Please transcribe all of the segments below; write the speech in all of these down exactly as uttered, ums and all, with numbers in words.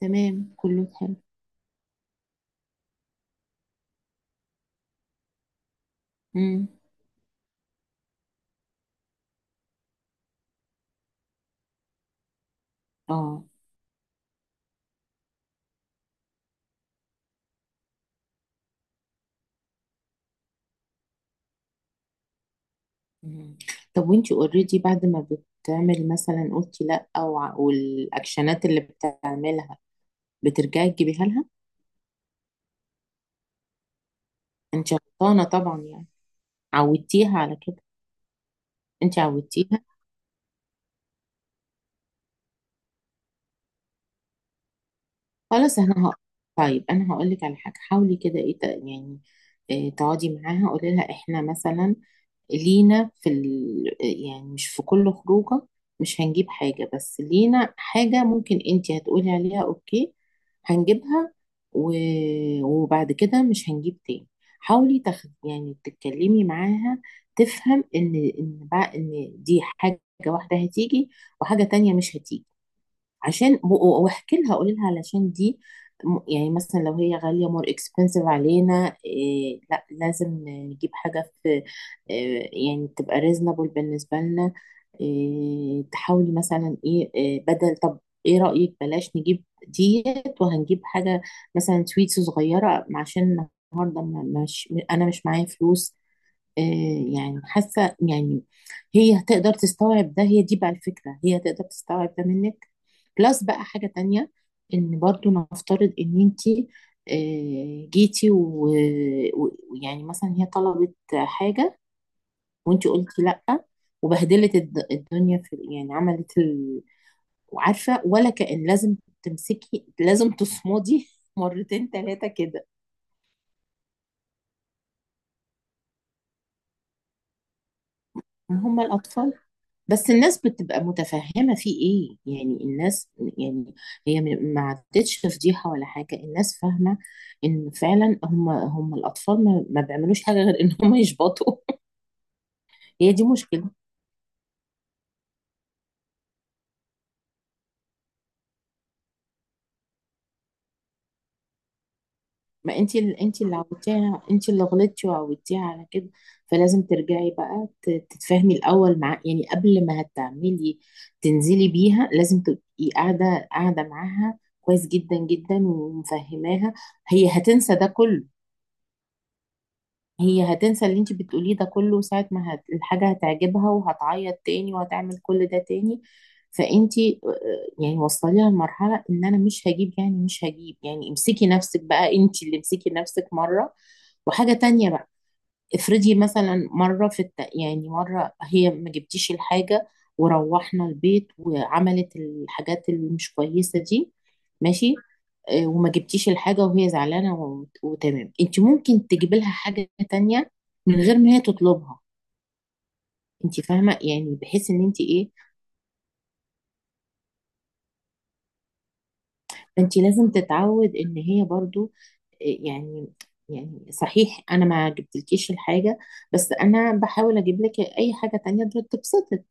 تمام، كله حلو. امم. اه. مم. طب، وانتي اوريدي بعد ما بتعمل مثلا قلتي لا او ع- والاكشنات اللي بتعملها، بترجعي تجيبيها لها؟ انت غلطانه طبعا يعني، عودتيها على كده، انت عودتيها. خلاص، انا هقول. طيب، انا هقول لك على حاجه، حاولي كده ايه ت- يعني إيه، تقعدي معاها قولي لها احنا مثلا لينا في ال... يعني مش في كل خروجه مش هنجيب حاجه، بس لينا حاجه ممكن انت هتقولي عليها اوكي هنجيبها، و... وبعد كده مش هنجيب تاني. حاولي تخ... يعني تتكلمي معاها تفهم ان ان بقى ان دي حاجه واحده هتيجي، وحاجه تانية مش هتيجي. عشان و- و- واحكي لها قولي لها علشان دي، م- يعني مثلا لو هي غالية مور اكسبنسيف علينا إيه، لا لازم نجيب حاجة في إيه يعني تبقى ريزنبل بالنسبة لنا. إيه تحاولي مثلا ايه، إيه بدل طب ايه رأيك بلاش نجيب ديت وهنجيب حاجة مثلا سويتس صغيرة، عشان النهاردة ما- مش انا مش معايا فلوس. آه، يعني حاسه يعني هي هتقدر تستوعب ده، هي دي بقى الفكره، هي هتقدر تستوعب ده منك. بلس بقى حاجه تانية، ان برضو نفترض ان انتي آه، جيتي و- و- ويعني مثلا هي طلبت حاجه، وانتي قلتي لا، وبهدلت الد- الدنيا في يعني عملت ال... وعارفه، ولا كأن لازم تمسكي، لازم تصمدي مرتين ثلاثه كده. هما الاطفال بس الناس بتبقى متفهمة في ايه يعني، الناس يعني هي م- ما عدتش فضيحة ولا حاجة، الناس فاهمة ان فعلا هم هم الاطفال ما, ما بيعملوش حاجة غير ان هم يشبطوا. هي دي مشكلة. ما انت ال- انت اللي عودتيها، انت اللي غلطتي وعودتيها على كده، فلازم ترجعي بقى ت- تتفاهمي الاول مع يعني قبل ما هتعملي تنزلي بيها، لازم تبقي قاعدة قاعدة معاها كويس جدا جدا ومفهماها. هي هتنسى ده كله، هي هتنسى اللي انت بتقوليه ده كله، ساعة ما هت... الحاجة هتعجبها وهتعيط تاني وهتعمل كل ده تاني. فانت يعني وصليها لمرحلة ان انا مش هجيب، يعني مش هجيب، يعني امسكي نفسك بقى، انت اللي امسكي نفسك مرة. وحاجة تانية بقى، افرضي مثلا مرة في الت... يعني مرة هي ما جبتيش الحاجة وروحنا البيت وعملت الحاجات اللي مش كويسة دي، ماشي. آه، وما جبتيش الحاجة وهي زعلانة و- وتمام، انت ممكن تجيب لها حاجة تانية من غير ما هي تطلبها. انت فاهمة يعني، بحيث ان انت ايه، انت لازم تتعود ان هي برضو آه، يعني يعني صحيح انا ما جبتلكيش الحاجة، بس انا بحاول اجيب لك اي حاجة تانية تبسطك.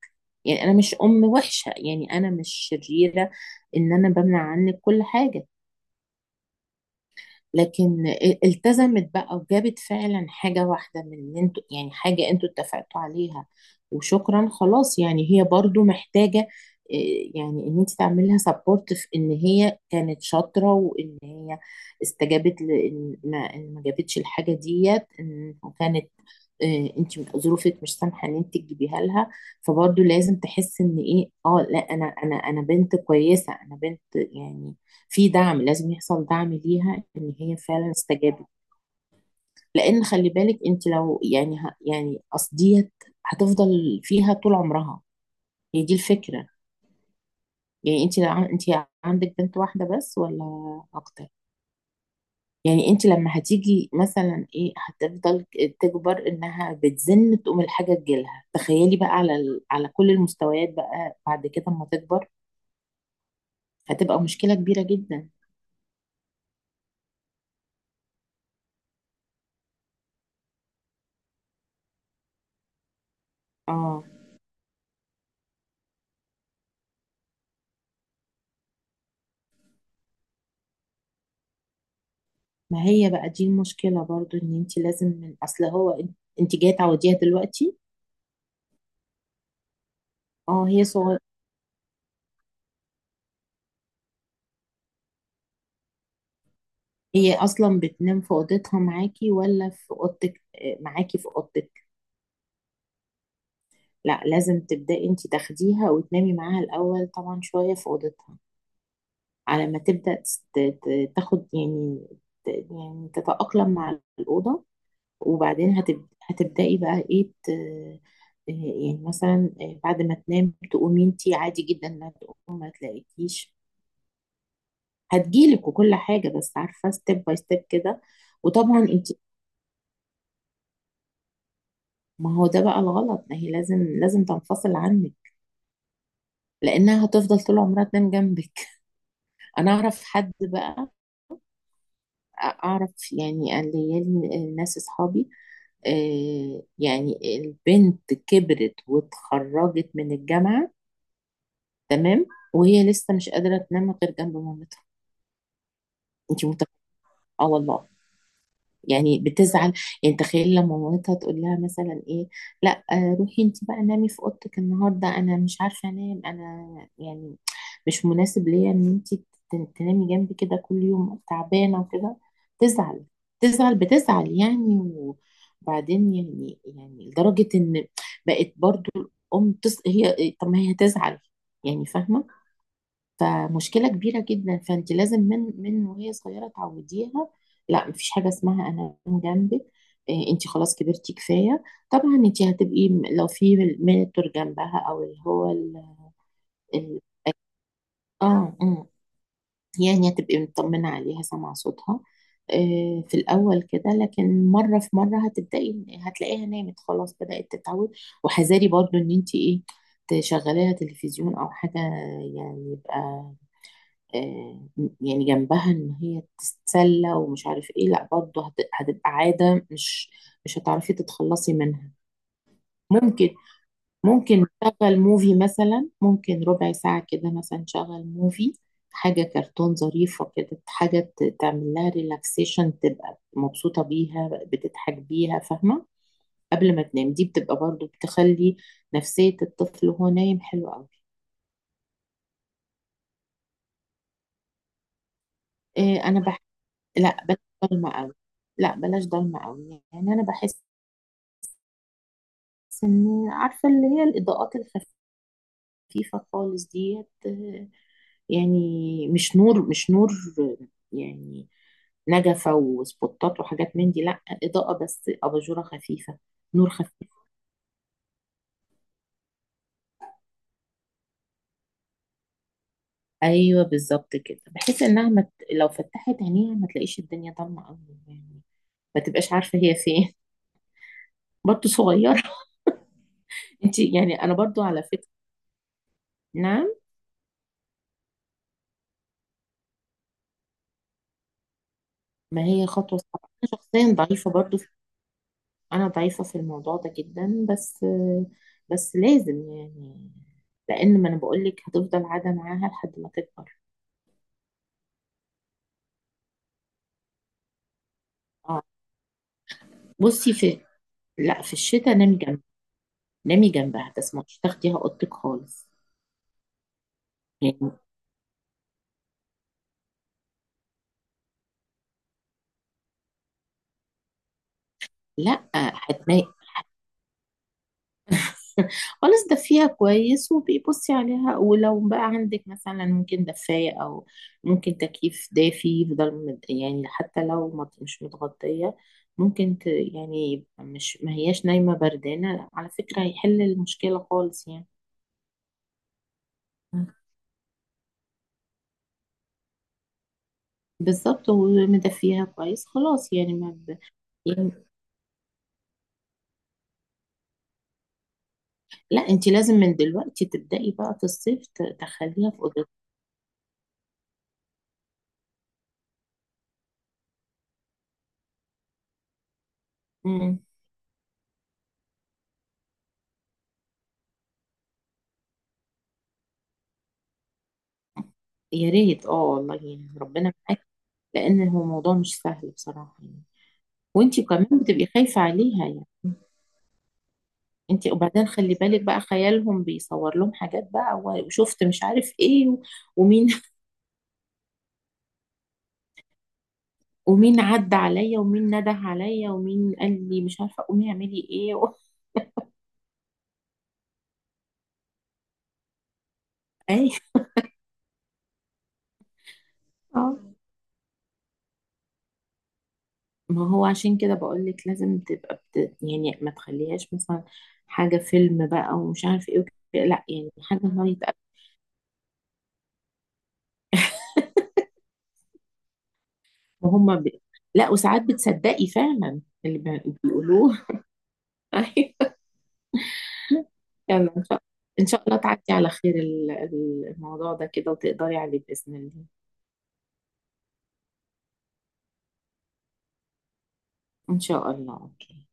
يعني انا مش ام وحشة، يعني انا مش شريرة ان انا بمنع عنك كل حاجة، لكن ال- التزمت بقى وجابت فعلا حاجة واحدة من، ان انتوا يعني حاجة انتوا اتفقتوا عليها وشكرا خلاص، يعني هي برضو محتاجة إيه، يعني ان انت تعملي لها سبورت في ان هي كانت شاطرة وان هي استجابت، لان ما إن ما جابتش الحاجة ديت ان كانت آه، انت ظروفك مش سامحة ان انت تجيبيها لها، فبرضو لازم تحس ان ايه، اه لا انا انا انا بنت كويسة، انا بنت يعني في دعم لازم يحصل، دعم ليها ان هي فعلا استجابت. لان خلي بالك، انت لو يعني ه- يعني اصل ديت هتفضل فيها طول عمرها. هي دي الفكره، يعني انت لو عن- انت عندك بنت واحده بس ولا اكتر. يعني انت لما هتيجي مثلا ايه هتفضل تكبر انها بتزن تقوم الحاجه تجيلها، تخيلي بقى على ال- على كل المستويات بقى بعد كده اما تكبر هتبقى مشكله كبيره جدا. اه، ما هي بقى دي المشكلة برضو ان انت لازم من اصل هو، انت جاية تعوديها دلوقتي. اه، هي صغيرة. هي اصلا بتنام في اوضتها معاكي ولا في اوضتك؟ آه، معاكي في اوضتك. لا، لازم تبدأي انت تاخديها وتنامي معاها الاول طبعا شوية في اوضتها، على ما تبدأ تس- ت- ت- تاخد يعني ت- يعني تتأقلم مع الأوضة. وبعدين هتب... هتبدأي بقى ايه ت... آه، يعني مثلا آه، بعد ما تنام تقومي انتي عادي جدا، ما تقوم ما تلاقيكيش هتجيلك وكل حاجة، بس عارفة، ستيب باي ستيب كده. وطبعا مم. انت، ما هو ده بقى الغلط، ما هي لازم لازم تنفصل عنك لانها هتفضل طول عمرها تنام جنبك. انا اعرف حد بقى، اعرف يعني، الليالي الناس اصحابي آه، يعني البنت كبرت واتخرجت من الجامعة تمام، وهي لسه مش قادرة تنام غير جنب مامتها. انت متخيلة؟ اه والله. يعني بتزعل، يعني تخيل لما مامتها تقول لها مثلا ايه لا آه، روحي انت بقى نامي في اوضتك النهارده، انا مش عارفه انام انا، يعني مش مناسب ليا ان انت ت- تنامي جنبي كده كل يوم، تعبانه وكده، تزعل، تزعل بتزعل يعني. وبعدين يعني يعني لدرجه ان بقت برضو الام تس... هي طب ما هي تزعل يعني، فاهمه؟ فمشكلة كبيرة جدا. فانت لازم من من وهي صغيرة تعوديها لا مفيش حاجة اسمها انا جنبك، إيه، انت خلاص كبرتي كفاية. طبعا انت هتبقي م- لو في مينتور جنبها او اللي هو ال... ال... اه أمم. يعني هتبقي مطمنة عليها سامعة صوتها، إيه، في الأول كده، لكن مرة في مرة هتبدأي هتلاقيها نامت خلاص، بدأت تتعود. وحذاري برضو إن أنت إيه، تشغليها تلفزيون أو حاجة يعني، يبقى آه، يعني جنبها ان هي تتسلى ومش عارف ايه، لا برضه هت- هتبقى عادة مش مش هتعرفي تتخلصي منها. ممكن، ممكن نشغل موفي مثلا، ممكن ربع ساعة كده مثلا نشغل موفي حاجة كرتون ظريفة كده، حاجة ت- تعمل لها ريلاكسيشن، تبقى مبسوطة بيها، بتضحك بيها، فاهمة؟ قبل ما تنام دي بتبقى برضه بتخلي نفسية الطفل وهو نايم حلوة قوي. آه، انا، لا بلاش ضلمة قوي، لا بلاش ضلمة قوي يعني، انا بحس ان، عارفة اللي هي الاضاءات الخفيفة خالص ديت آه، يعني مش نور، مش نور آه، يعني نجفة وسبوتات وحاجات من دي، لا، إضاءة بس أباجورة خفيفة، نور خفيف. أيوة بالظبط كده، بحيث إنها مت... لو فتحت عينيها ما تلاقيش الدنيا ضلمة أوي، يعني ما تبقاش عارفة هي فين، برضه صغيرة. أنت يعني، أنا برضه على فكرة. نعم. ما هي خطوة صعبة، أنا شخصيا ضعيفة برضو في- أنا ضعيفة في الموضوع ده جدا، بس بس لازم يعني، لأن ما أنا بقولك هتفضل قاعدة معاها لحد ما تكبر. اه، بصي في، لا في الشتاء نامي جنب نامي جنبها، تسمعش تاخديها أوضتك خالص، يعني لا هتنامي. خلاص، دفيها كويس وبيبصي عليها، ولو بقى عندك مثلا ممكن دفاية أو ممكن تكييف دافي يفضل مد- يعني حتى لو ما- مش متغطية، ممكن ت... يعني يبقى مش ما هياش نايمة بردانة، على فكرة هيحل المشكلة خالص يعني. بالظبط، ومدفيها كويس خلاص يعني ما ب... يعني لا انت لازم من دلوقتي تبدأي بقى في الصيف ت- تخليها في أوضتها. مم. يا ريت، اه والله يعني ربنا معاك. لأن هو موضوع مش سهل بصراحة يعني. وانتي كمان بتبقي خايفة عليها يعني، انتي وبعدين خلي بالك بقى، خيالهم بيصور لهم حاجات بقى و- وشفت مش عارف ايه و- ومين ومين عدى عليا، ومين نده عليا، ومين قال لي مش عارفة قومي اعملي ايه و... اي، اه. ما هو عشان كده بقول لك لازم تبقى بت... يعني ما تخليهاش مثلا حاجة فيلم بقى ومش عارف ايه وكده. لا يعني حاجة لايت، وهم ب... لا وساعات بتصدقي فعلا اللي بي- بيقولوه. يلا ان شاء ان شاء الله تعدي على خير ال- ال- الموضوع ده كده وتقدري عليه بإذن الله. ان شاء الله، اوكي.